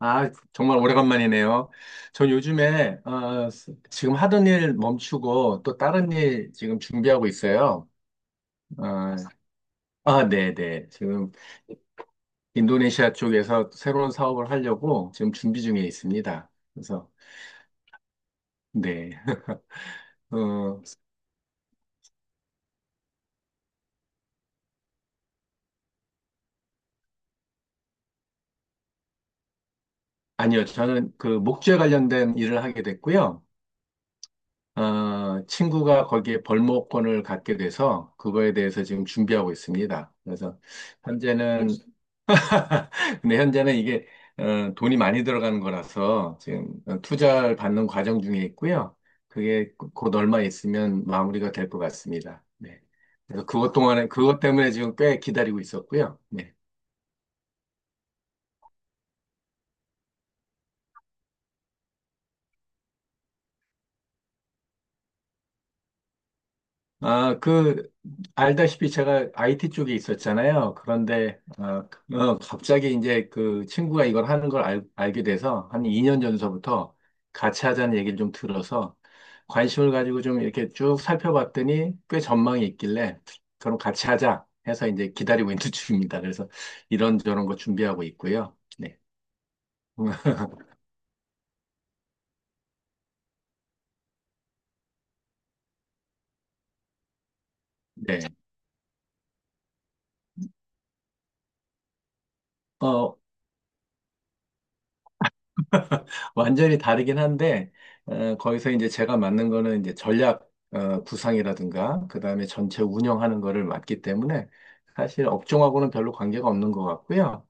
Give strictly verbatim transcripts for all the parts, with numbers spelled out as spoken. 아, 정말 오래간만이네요. 전 요즘에 어, 스- 지금 하던 일 멈추고 또 다른 일 지금 준비하고 있어요. 어, 아, 네네. 지금 인도네시아 쪽에서 새로운 사업을 하려고 지금 준비 중에 있습니다. 그래서, 네. 어, 아니요. 저는 그 목재 관련된 일을 하게 됐고요. 어, 친구가 거기에 벌목권을 갖게 돼서 그거에 대해서 지금 준비하고 있습니다. 그래서 현재는 근데 현재는 이게 어, 돈이 많이 들어가는 거라서 지금 투자를 받는 과정 중에 있고요. 그게 곧 얼마 있으면 마무리가 될 것 같습니다. 네. 그래서 그것 동안에 그것 때문에 지금 꽤 기다리고 있었고요. 네. 아, 그, 알다시피 제가 아이티 쪽에 있었잖아요. 그런데, 아, 어, 갑자기 이제 그 친구가 이걸 하는 걸 알, 알게 돼서 한 이 년 전서부터 같이 하자는 얘기를 좀 들어서 관심을 가지고 좀 이렇게 쭉 살펴봤더니 꽤 전망이 있길래 그럼 같이 하자 해서 이제 기다리고 있는 중입니다. 그래서 이런저런 거 준비하고 있고요. 네. 네. 어, 완전히 다르긴 한데, 어, 거기서 이제 제가 맡는 거는 이제 전략 어, 구상이라든가, 그 다음에 전체 운영하는 거를 맡기 때문에 사실 업종하고는 별로 관계가 없는 것 같고요.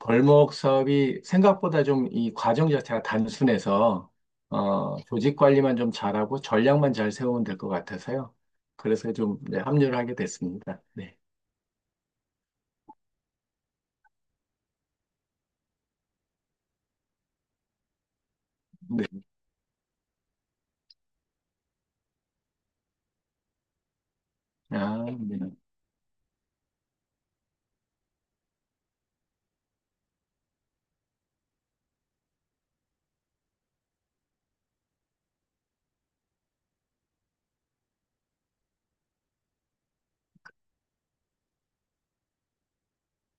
벌목 사업이 생각보다 좀 이 과정 자체가 단순해서, 어, 조직 관리만 좀 잘하고 전략만 잘 세우면 될 것 같아서요. 그래서 좀 네, 합류를 하게 됐습니다. 네. 네. 아, 네.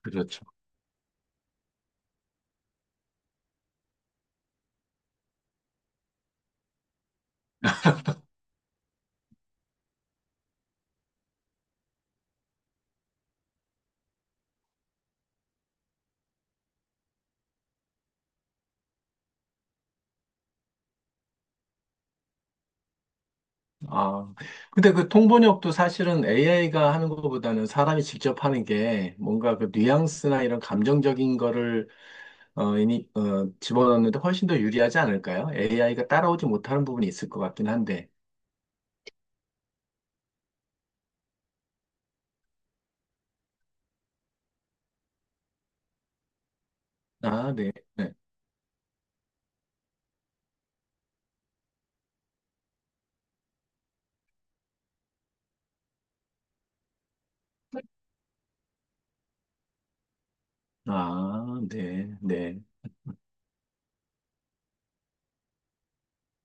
그렇죠. 아, 근데 그 통번역도 사실은 에이아이가 하는 것보다는 사람이 직접 하는 게 뭔가 그 뉘앙스나 이런 감정적인 거를 어, 이니, 어, 집어넣는데 훨씬 더 유리하지 않을까요? 에이아이가 따라오지 못하는 부분이 있을 것 같긴 한데. 아, 네. 네. 아, 네. 네.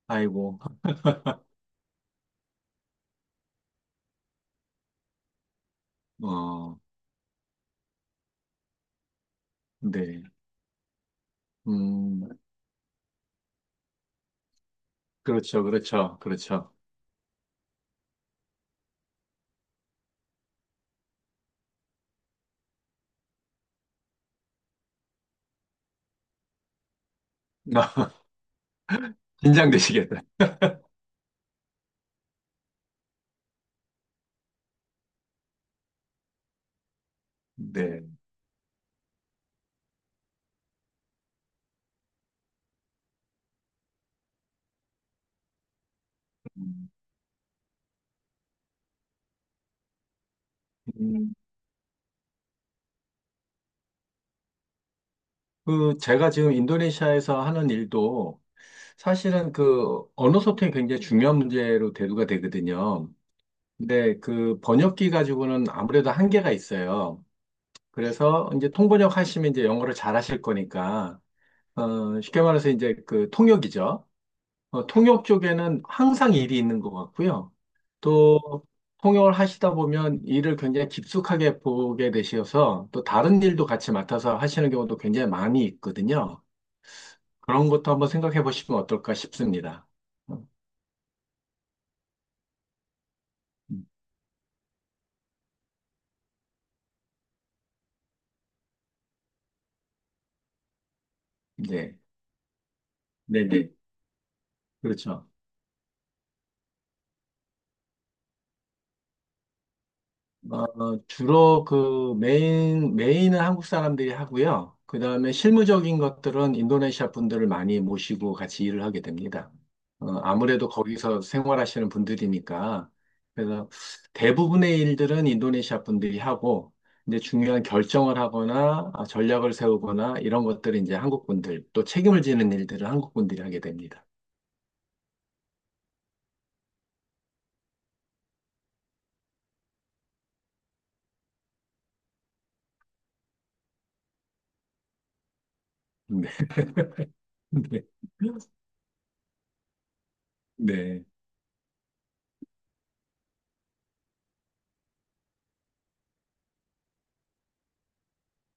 아이고. 어, 네. 음, 그렇죠. 그렇죠. 그렇죠. 긴장되시겠다. 네. 음. 음, 그 제가 지금 인도네시아에서 하는 일도 사실은 그 언어 소통이 굉장히 중요한 문제로 대두가 되거든요. 근데 그 번역기 가지고는 아무래도 한계가 있어요. 그래서 이제 통번역 하시면 이제 영어를 잘 하실 거니까, 어, 쉽게 말해서 이제 그 통역이죠. 어, 통역 쪽에는 항상 일이 있는 것 같고요. 또 통역을 하시다 보면 일을 굉장히 깊숙하게 보게 되셔서 또 다른 일도 같이 맡아서 하시는 경우도 굉장히 많이 있거든요. 그런 것도 한번 생각해 보시면 어떨까 싶습니다. 어, 음. 네, 네네. 그렇죠. 어, 주로 그 메인, 메인은 한국 사람들이 하고요. 그 다음에 실무적인 것들은 인도네시아 분들을 많이 모시고 같이 일을 하게 됩니다. 어, 아무래도 거기서 생활하시는 분들이니까. 그래서 대부분의 일들은 인도네시아 분들이 하고, 이제 중요한 결정을 하거나 아, 전략을 세우거나 이런 것들은 이제 한국 분들, 또 책임을 지는 일들은 한국 분들이 하게 됩니다. 네. 네. 네.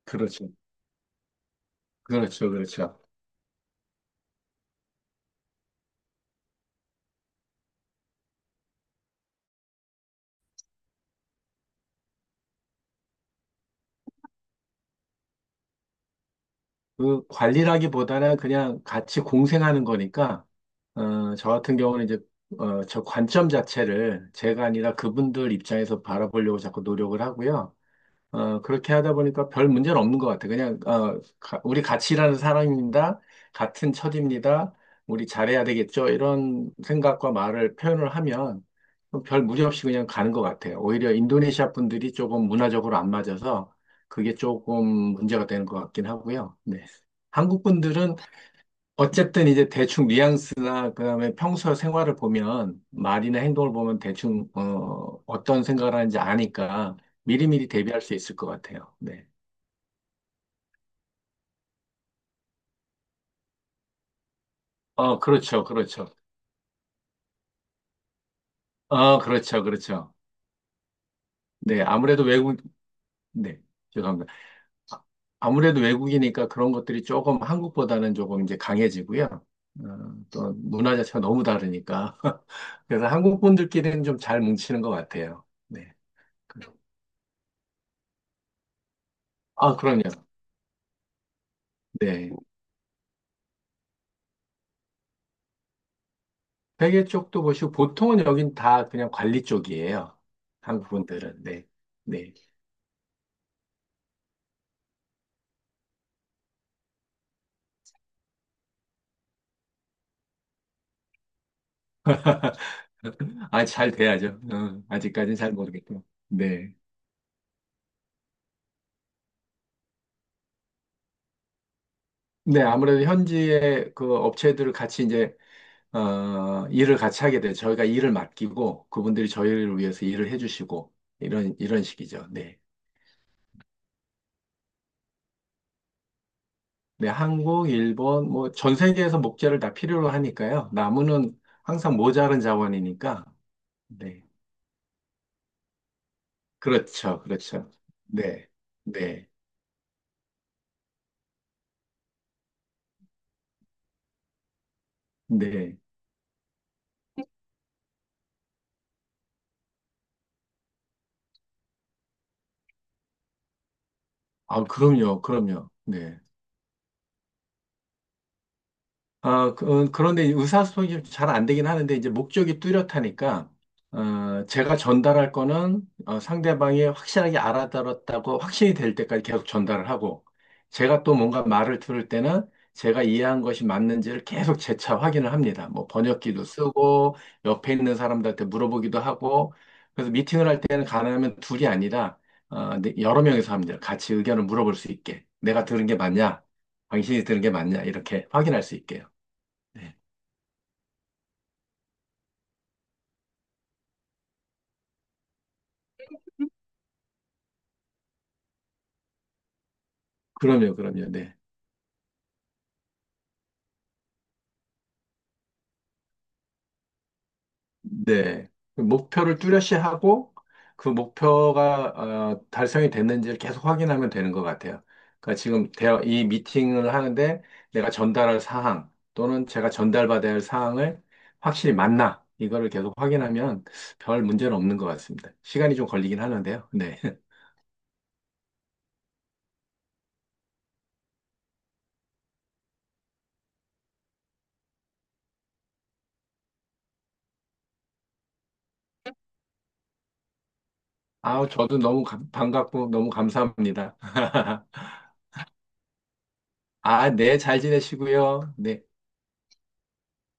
그렇죠. 그렇죠. 그렇죠. 그 관리라기보다는 그냥 같이 공생하는 거니까, 어, 저 같은 경우는 이제, 어, 저 관점 자체를 제가 아니라 그분들 입장에서 바라보려고 자꾸 노력을 하고요. 어, 그렇게 하다 보니까 별 문제는 없는 것 같아. 그냥, 어, 가- 우리 같이 일하는 사람입니다. 같은 처지입니다. 우리 잘해야 되겠죠. 이런 생각과 말을 표현을 하면 별 무리 없이 그냥 가는 것 같아요. 오히려 인도네시아 분들이 조금 문화적으로 안 맞아서 그게 조금 문제가 되는 것 같긴 하고요. 네. 한국 분들은 어쨌든 이제 대충 뉘앙스나 그다음에 평소 생활을 보면 말이나 행동을 보면 대충 어, 어떤 생각을 하는지 아니까 미리미리 대비할 수 있을 것 같아요. 네. 어, 그렇죠. 그렇죠. 어, 그렇죠. 그렇죠. 네. 아무래도 외국 네. 죄송합니다. 아, 아무래도 외국이니까 그런 것들이 조금 한국보다는 조금 이제 강해지고요. 어, 또 문화 자체가 너무 다르니까. 그래서 한국 분들끼리는 좀 잘 뭉치는 것 같아요. 네. 아, 그럼요. 네. 회계 쪽도 보시고 보통은 여긴 다 그냥 관리 쪽이에요. 한국 분들은 네, 네. 아, 잘 돼야죠. 어, 아직까지는 잘 모르겠고. 네. 네, 아무래도 현지의 그 업체들을 같이 이제, 어, 일을 같이 하게 돼요. 저희가 일을 맡기고, 그분들이 저희를 위해서 일을 해주시고, 이런, 이런 식이죠. 네. 네, 한국, 일본, 뭐, 전 세계에서 목재를 다 필요로 하니까요. 나무는 항상 모자른 자원이니까. 네. 그렇죠. 그렇죠. 네. 네. 네. 아, 그럼요, 그럼요. 네. 어, 그- 어, 그런데 의사소통이 잘 안 되긴 하는데, 이제 목적이 뚜렷하니까, 어, 제가 전달할 거는 어, 상대방이 확실하게 알아들었다고 확신이 될 때까지 계속 전달을 하고, 제가 또 뭔가 말을 들을 때는 제가 이해한 것이 맞는지를 계속 재차 확인을 합니다. 뭐 번역기도 쓰고, 옆에 있는 사람들한테 물어보기도 하고, 그래서 미팅을 할 때는 가능하면 둘이 아니라, 어, 네, 여러 명이서 합니다. 같이 의견을 물어볼 수 있게. 내가 들은 게 맞냐? 당신이 들은 게 맞냐? 이렇게 확인할 수 있게요. 네. 그럼요, 그럼요. 네. 네. 그 목표를 뚜렷이 하고 그 목표가 어, 달성이 됐는지를 계속 확인하면 되는 것 같아요. 그러니까 지금 대화, 이 미팅을 하는데 내가 전달할 사항 또는 제가 전달받아야 할 사항을 확실히 맞나 이거를 계속 확인하면 별 문제는 없는 것 같습니다. 시간이 좀 걸리긴 하는데요. 네. 아, 저도 너무 감- 반갑고 너무 감사합니다. 아, 네, 잘 지내시고요. 네.